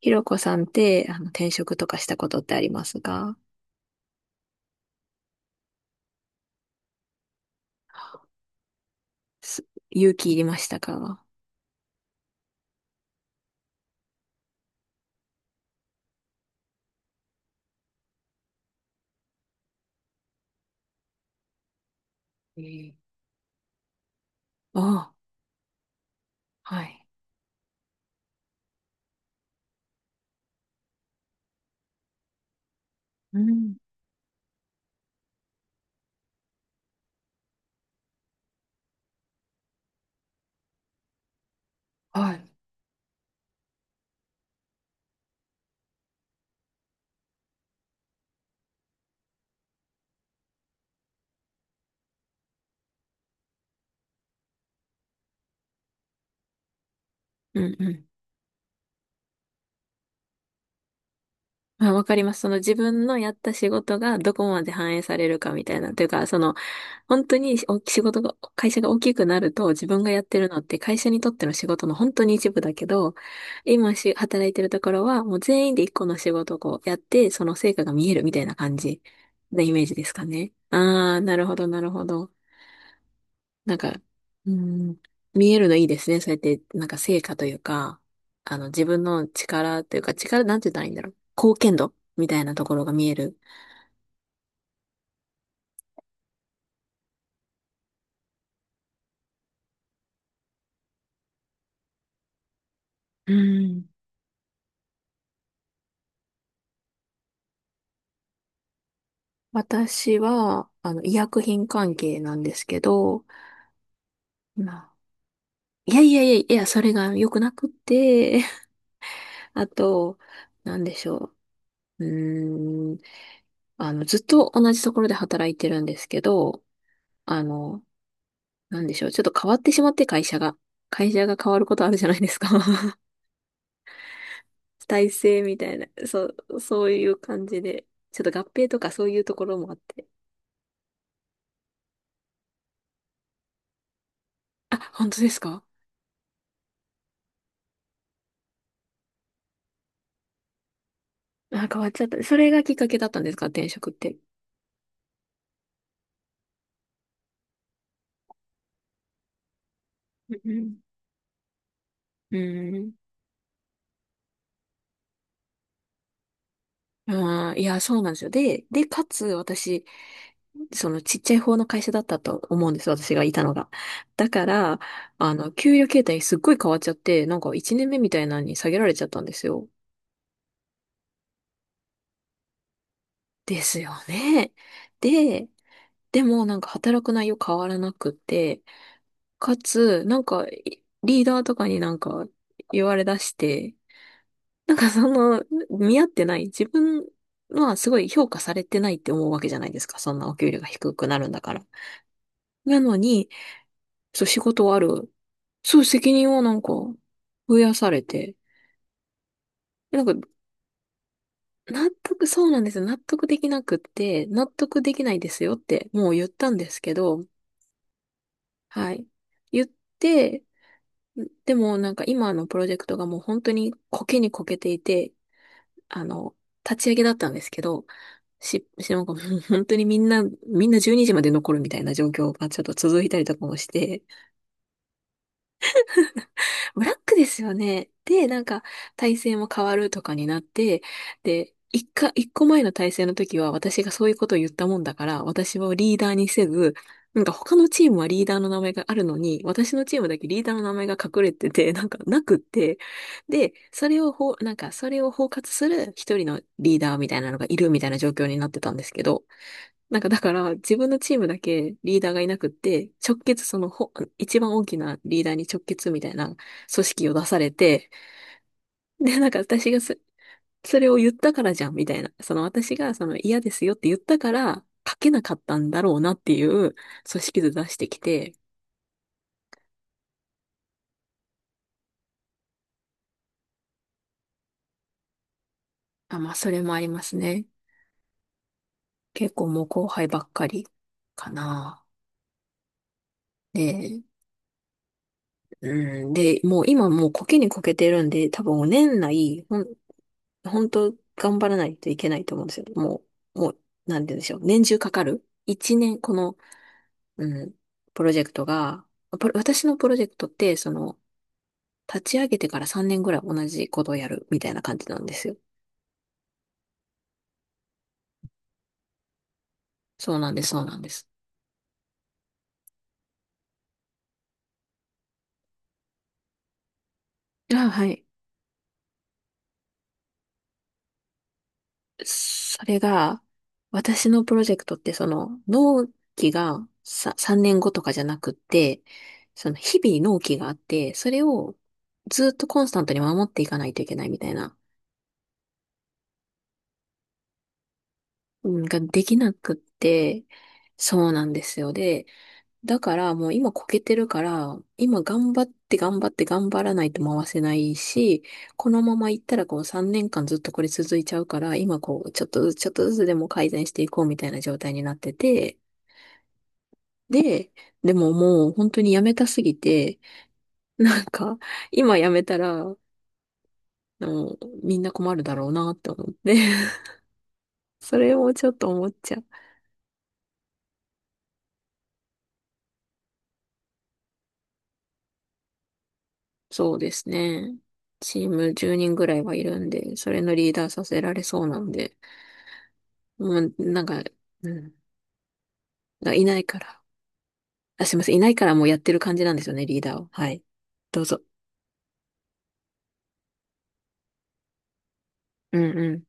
ひろこさんって、転職とかしたことってありますか？す勇気いりましたか？えーああ、はい。はい。うんうん。まあ、わかります。その自分のやった仕事がどこまで反映されるかみたいな。というか、その、本当にお仕事が、会社が大きくなると自分がやってるのって会社にとっての仕事の本当に一部だけど、働いてるところはもう全員で一個の仕事をこうやって、その成果が見えるみたいな感じなイメージですかね。ああ、なるほど、なるほど。なんか、うん、見えるのいいですね。そうやって、なんか成果というか、あの、自分の力というか、力、なんて言ったらいいんだろう。貢献度みたいなところが見える。うん。私は、あの、医薬品関係なんですけど、まあ、いやいやいやいや、それが良くなくって、あと、なんでしょう。うーん、あの、ずっと同じところで働いてるんですけど、あの、なんでしょう。ちょっと変わってしまって、会社が。会社が変わることあるじゃないですか。体制みたいな。そう、そういう感じで。ちょっと合併とかそういうところもあって。あ、本当ですか？あ、変わっちゃった。それがきっかけだったんですか、転職って。うんうん。ああいや、そうなんですよ。で、で、かつ、私、そのちっちゃい方の会社だったと思うんです、私がいたのが。だから、あの、給与形態すっごい変わっちゃって、なんか1年目みたいなのに下げられちゃったんですよ。ですよね。で、でもなんか働く内容変わらなくて、かつ、なんかリーダーとかになんか言われ出して、なんかその、見合ってない、自分はすごい評価されてないって思うわけじゃないですか。そんなお給料が低くなるんだから。なのに、そう仕事はある。そう責任をなんか増やされて、なんか納得、そうなんですよ。納得できなくって、納得できないですよってもう言ったんですけど、はい。言って、でもなんか今のプロジェクトがもう本当にコケにこけていて、あの、立ち上げだったんですけど、なんかもう本当にみんな12時まで残るみたいな状況がちょっと続いたりとかもして、ブラックですよね。で、なんか、体勢も変わるとかになって、で、一個前の体制の時は私がそういうことを言ったもんだから、私をリーダーにせず、なんか他のチームはリーダーの名前があるのに、私のチームだけリーダーの名前が隠れてて、なんかなくって、で、それをほう、なんかそれを包括する一人のリーダーみたいなのがいるみたいな状況になってたんですけど、なんかだから自分のチームだけリーダーがいなくって、直結そのほ、一番大きなリーダーに直結みたいな組織を出されて、で、なんか私がそ、それを言ったからじゃんみたいな、その私がその嫌ですよって言ったから書けなかったんだろうなっていう組織図出してきて、あ、まあそれもありますね。結構もう後輩ばっかりかな。で、うん、で、もう今もうこけにこけてるんで、多分年内、本当頑張らないといけないと思うんですよ。もう、もう、なんて言うんでしょう。年中かかる。一年、この、うん、プロジェクトが、私のプロジェクトって、その、立ち上げてから3年ぐらい同じことをやるみたいな感じなんですよ。そうなんです、そうなんです。あ、はい。それが、私のプロジェクトって、その、納期がさ3年後とかじゃなくって、その、日々納期があって、それをずっとコンスタントに守っていかないといけないみたいな、うんができなくって、そうなんですよ。で、だからもう今こけてるから、今頑張って頑張って頑張らないと回せないし、このまま行ったらこう3年間ずっとこれ続いちゃうから、今こうちょっとずつちょっとずつでも改善していこうみたいな状態になってて、で、でももう本当にやめたすぎて、なんか今やめたら、あのみんな困るだろうなって思って、それもちょっと思っちゃう。そうですね。チーム10人ぐらいはいるんで、それのリーダーさせられそうなんで、もうなんか、うん、だからいないから。あ、すいません、いないからもうやってる感じなんですよね、リーダーを。はい。どうぞ。うんうん。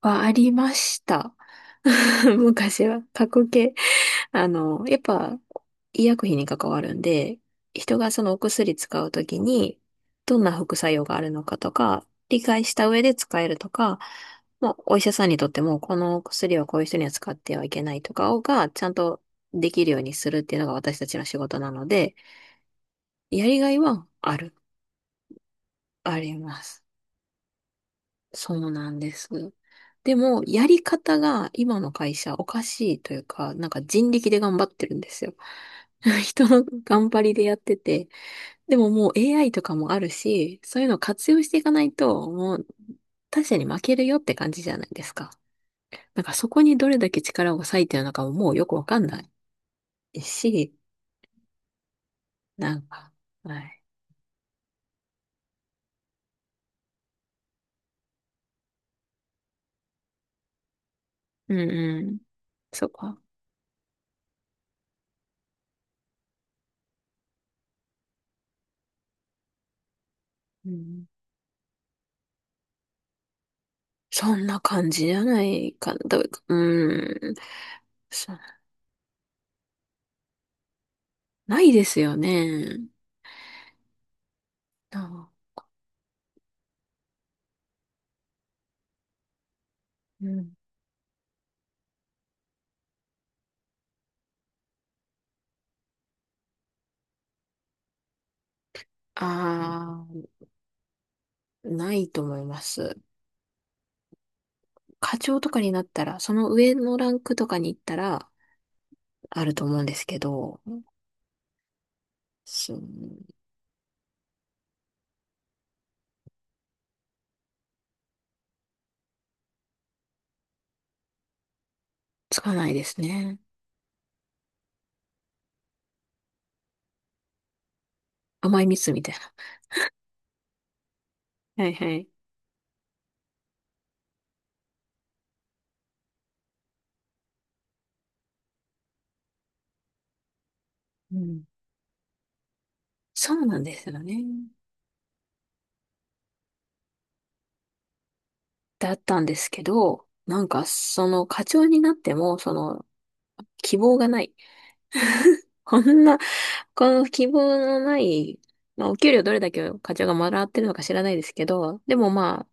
はありました。昔は。過去形。あの、やっぱ、医薬品に関わるんで、人がそのお薬使うときに、どんな副作用があるのかとか、理解した上で使えるとか、もうお医者さんにとっても、この薬をこういう人には使ってはいけないとかをが、ちゃんとできるようにするっていうのが私たちの仕事なので、やりがいはある、あります。そうなんです。でも、やり方が今の会社おかしいというか、なんか人力で頑張ってるんですよ。人の頑張りでやってて。でももう AI とかもあるし、そういうのを活用していかないと、もう他社に負けるよって感じじゃないですか。なんかそこにどれだけ力を割いてるのかももうよくわかんないし、なんか、はい。うんうん。そうか。うん、そんな感じじゃないかな。どううん。そないですよね。あうん。ああ、ないと思います。課長とかになったら、その上のランクとかに行ったら、あると思うんですけど、そうつかないですね。甘い蜜みたいな。はいはい。うん。そうなんですよね。だったんですけど、なんかその課長になっても、その希望がない。こんな、この希望のない、まあお給料どれだけ課長がもらってるのか知らないですけど、でもまあ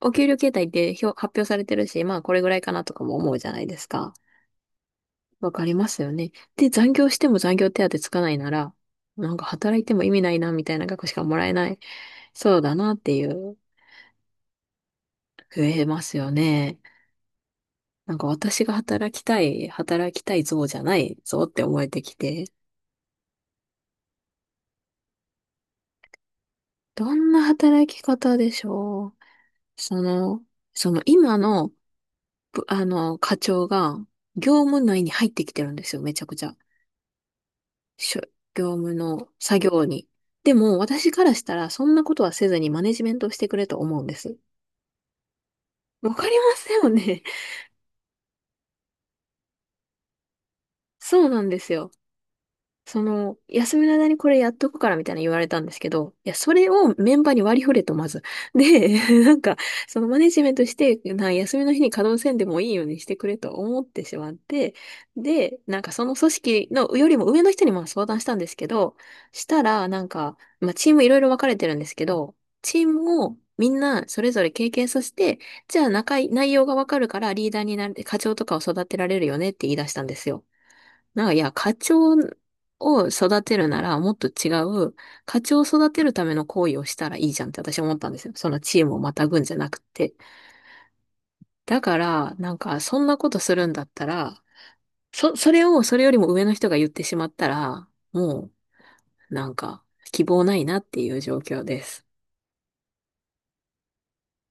お給料形態って表、発表されてるし、まあこれぐらいかなとかも思うじゃないですか。わかりますよね。で、残業しても残業手当つかないなら、なんか働いても意味ないなみたいな額しかもらえない。そうだなっていう、増えますよね。なんか私が働きたい、働きたい像じゃない像って思えてきて。どんな働き方でしょう？その、その今の、あの、課長が業務内に入ってきてるんですよ、めちゃくちゃ。しょ業務の作業に。でも、私からしたら、そんなことはせずにマネジメントをしてくれと思うんです。わかりますよね。そうなんですよ。その、休みの間にこれやっとくからみたいな言われたんですけど、いや、それをメンバーに割り振れと、まず。で、なんか、そのマネジメントして、休みの日に稼働せんでもいいようにしてくれと思ってしまって、で、なんかその組織のよりも上の人にも相談したんですけど、したら、なんか、まあ、チームいろいろ分かれてるんですけど、チームをみんなそれぞれ経験させて、じゃあ内容が分かるからリーダーになれて課長とかを育てられるよねって言い出したんですよ。なんか、いや、課長を育てるなら、もっと違う、課長を育てるための行為をしたらいいじゃんって私は思ったんですよ。そのチームをまたぐんじゃなくて。だから、なんか、そんなことするんだったら、それを、それよりも上の人が言ってしまったら、もう、なんか、希望ないなっていう状況です。